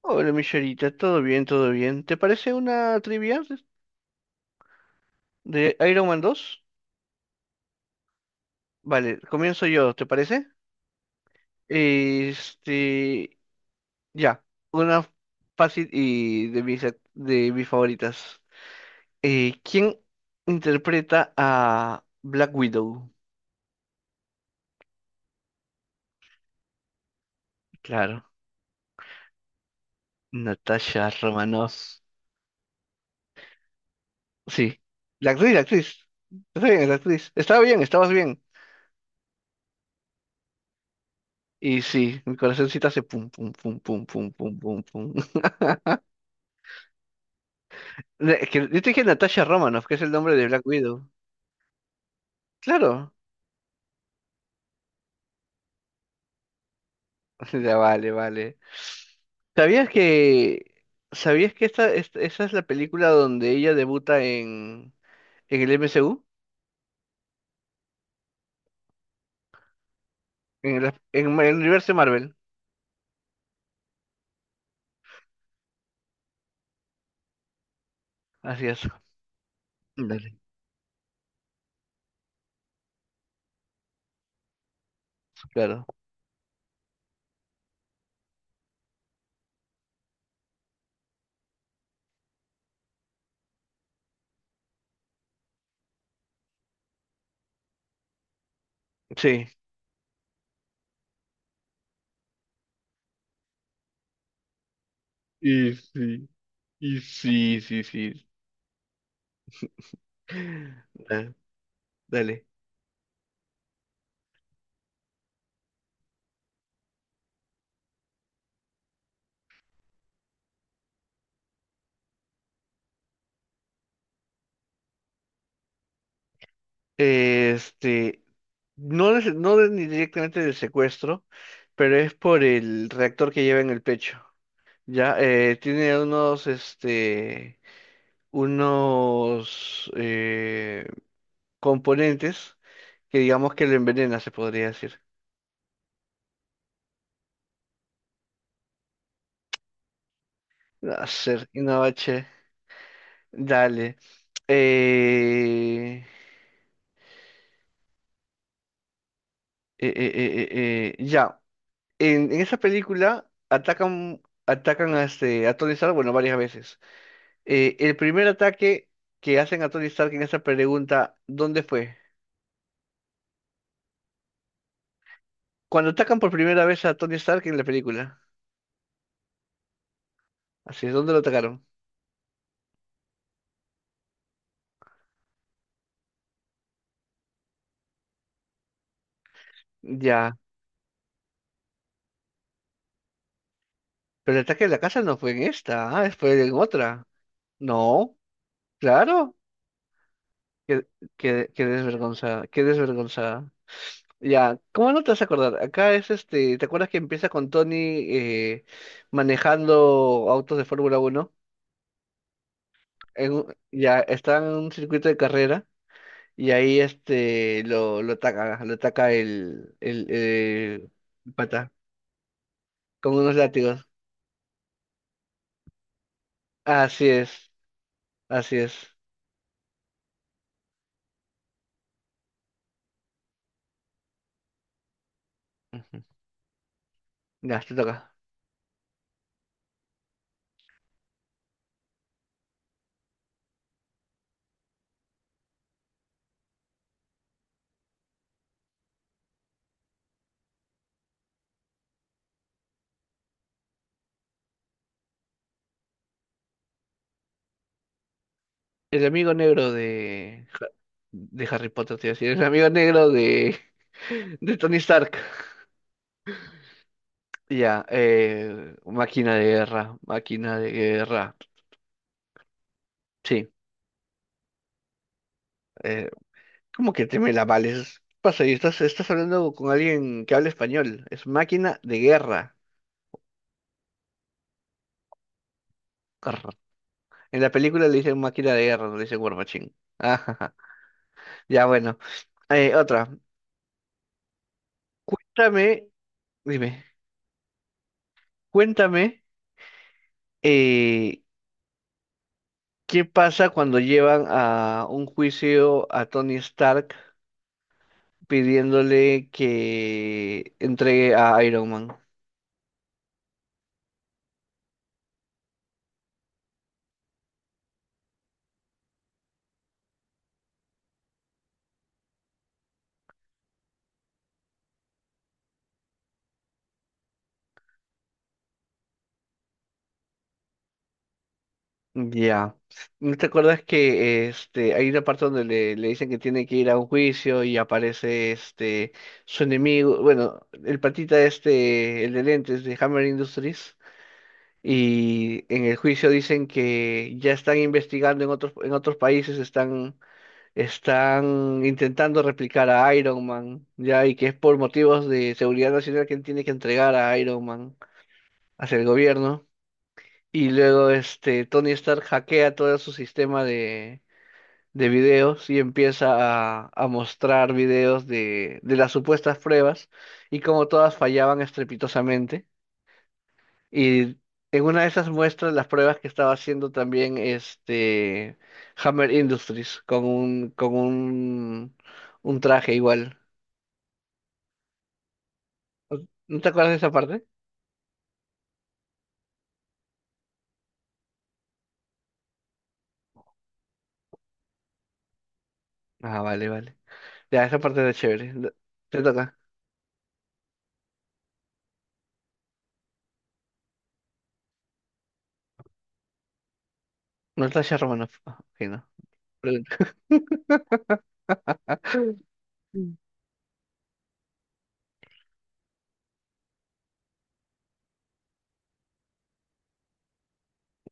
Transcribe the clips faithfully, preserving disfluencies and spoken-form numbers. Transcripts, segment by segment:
Hola, Michelita, todo bien, todo bien. ¿Te parece una trivia de Iron Man dos? Vale, comienzo yo, ¿te parece? Este, ya, una fácil y de mis, ac- de mis favoritas. Eh, ¿quién interpreta a Black Widow? Claro, Natasha Romanoff. Sí, la actriz, la actriz. Está bien, la actriz. Estaba bien, estabas bien. Y sí, mi corazoncito hace pum, pum, pum, pum, pum, pum, pum, pum. No, Es que yo te dije Natasha Romanoff, que es el nombre de Black Widow. Claro. Ya, vale, vale. ¿Sabías que, sabías que esta, esta- esa es la película donde ella debuta en, en el M C U? En el, en el universo Marvel. Así es. Dale. Claro. Sí. Y sí, y sí, sí, sí. Ah, Dale. Este, no, es- no de- ni directamente del secuestro, pero es por el reactor que lleva en el pecho. Ya, eh, tiene unos, este, unos eh, componentes que digamos que lo envenena, se podría decir. Hacer Innovache, dale. Eh, eh, eh, eh, eh, eh, ya, en, en esa película atacan, atacan a, este, a Tony Stark, bueno, varias veces. Eh, el primer ataque que hacen a Tony Stark en esa pregunta, ¿dónde fue? Cuando atacan por primera vez a Tony Stark en la película, así es, ¿dónde lo atacaron? Ya, pero el ataque de la casa no fue en esta, ah, fue en otra. No, claro. Qué, qué, qué desvergonzada, qué desvergonzada. Ya, ¿cómo no te vas a acordar? Acá es este, ¿te acuerdas que empieza con Tony eh, manejando autos de Fórmula uno? En un- ya está en un circuito de carrera y ahí este lo, lo ataca, lo ataca el, el, el pata con unos látigos. Así es, así es. Ujú. Ya, te toca. El amigo negro de, Ha- de Harry Potter, te iba a decir. El amigo negro de, de Tony Stark. Ya, eh, máquina de guerra, máquina de guerra. Sí, eh, ¿cómo que te me la vales? ¿Qué pasa? Y estás, estás hablando con alguien que habla español. Es máquina de guerra. Arr. En la película le dicen máquina de guerra, no le dicen War Machine. Ajaja. Ya, bueno. Eh, otra. Cuéntame, dime, cuéntame eh, ¿qué pasa cuando llevan a un juicio a Tony Stark pidiéndole que entregue a Iron Man? Ya. ¿No te acuerdas que este hay una parte donde le, le dicen que tiene que ir a un juicio y aparece este su enemigo, bueno, el patita este, el de lentes de Hammer Industries? Y en el juicio dicen que ya están investigando en otros, en otros países, están Están intentando replicar a Iron Man, ya, y que es por motivos de seguridad nacional quien tiene que entregar a Iron Man hacia el gobierno. Y luego este Tony Stark hackea todo su sistema de, de videos y empieza a, a mostrar videos de, de las supuestas pruebas y cómo todas fallaban estrepitosamente. Y en una de esas muestras, las pruebas que estaba haciendo también este Hammer Industries con un, con un, un traje igual. ¿No te acuerdas de esa parte? Ah, vale, vale. Ya, esa parte era chévere. Da- Te toca. Natasha Romanoff. Ah, ok, no. Pregunta. Mm.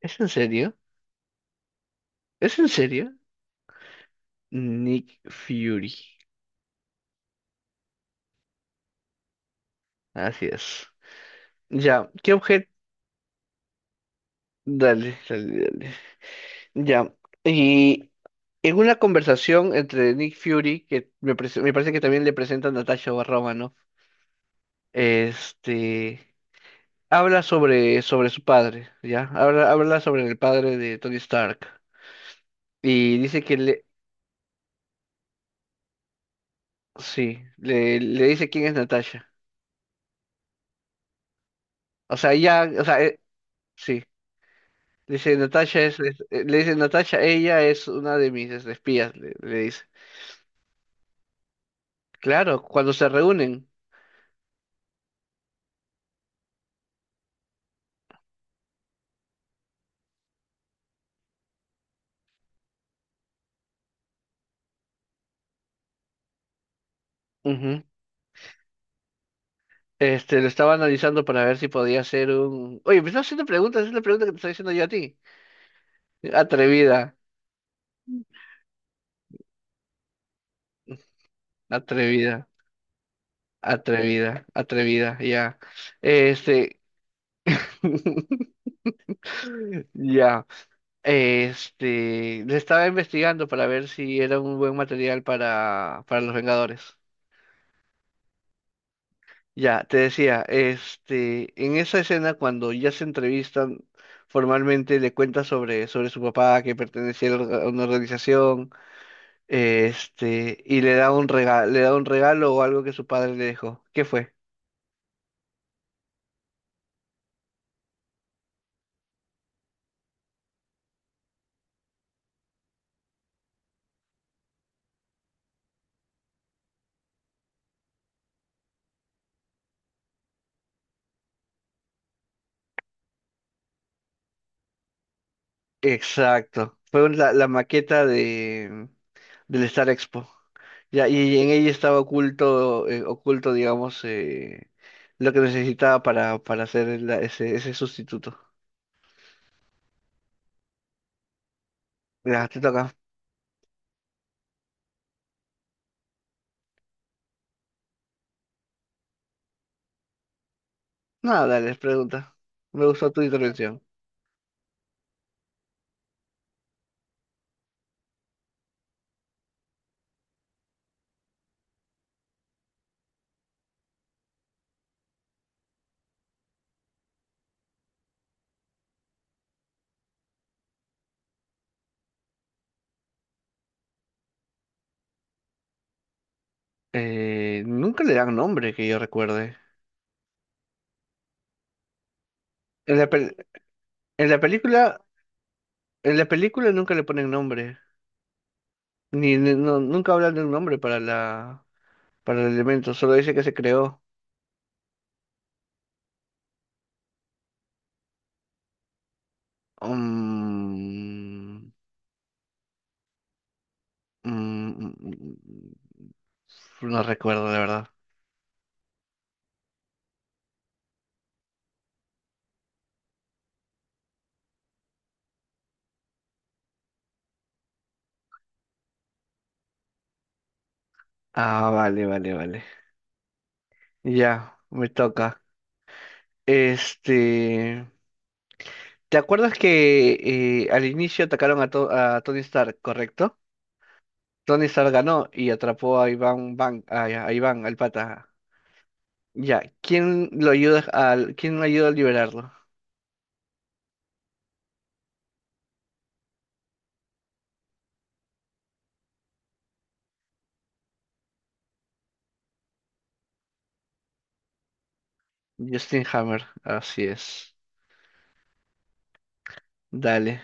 ¿Es en serio? ¿Es en serio? Nick Fury. Así es. Ya, ¿qué objeto? Dale, dale, dale. Ya. y En una conversación entre Nick Fury, que me, prese- me parece que también le presenta a Natasha Romanoff, este, habla sobre, sobre su padre, ¿ya? Habla, habla sobre el padre de Tony Stark. Y dice que le, sí, le, le dice quién es Natasha. O sea, ya, o sea, eh, sí. Dice, Natasha es, es- eh, le dice, Natasha, ella es una de mis este, espías, le, le dice. Claro, cuando se reúnen. Este, lo estaba analizando para ver si podía hacer un. Oye, me estás haciendo preguntas, es la pregunta que te estoy haciendo yo a ti. Atrevida, atrevida, atrevida, atrevida, ya. Este, ya. Este, le estaba investigando para ver si era un buen material para, para los Vengadores. Ya, te decía, este, en esa escena cuando ya se entrevistan formalmente, le cuenta sobre, sobre su papá que pertenecía a la orga- a una organización. Este, y le da un regalo, le da un regalo o algo que su padre le dejó. ¿Qué fue? Exacto. Fue un- la, la maqueta de del Star Expo. Ya, y en ella estaba oculto, eh, oculto, digamos, eh, lo que necesitaba para, para hacer la- ese, ese sustituto. Ya, te toca. Nada, dale, pregunta. Me gustó tu intervención. Eh, nunca le dan nombre, que yo recuerde. En la, pel- en la película, en la película nunca le ponen nombre. Ni, ni- no, nunca hablan de un nombre para la, para el elemento, solo dice que se creó. Mm, mm, mm, mm, mm, no recuerdo, la verdad. Ah, vale, vale, vale. Ya, me toca. Este, ¿te acuerdas que eh, al inicio atacaron a, To- a Tony Stark, correcto? Tony Stark ganó y atrapó a Iván Van, a, a Iván, al pata. Ya, ¿quién lo ayuda al, quién ayuda a liberarlo? Justin Hammer, así es. Dale,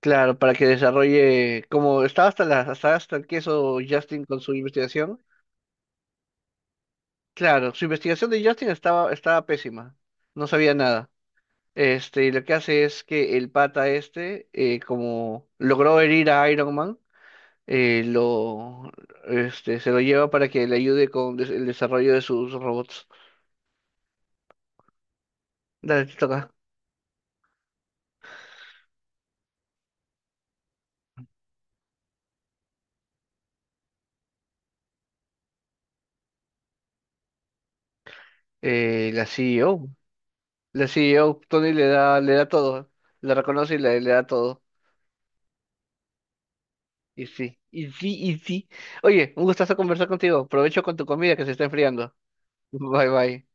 claro, para que desarrolle, como estaba hasta la, hasta, hasta el queso Justin con su investigación, claro, su investigación de Justin estaba, estaba pésima, no sabía nada. Este, y lo que hace es que el pata este, eh, como logró herir a Iron Man, eh, lo, este, se lo lleva para que le ayude con des- el desarrollo de sus robots. Dale, te toca. Eh, la C E O, la C E O, Tony le da, le da todo, la reconoce y le le da todo. Y sí, y sí, y sí. Oye, un gustazo conversar contigo. Provecho con tu comida que se está enfriando. Bye bye.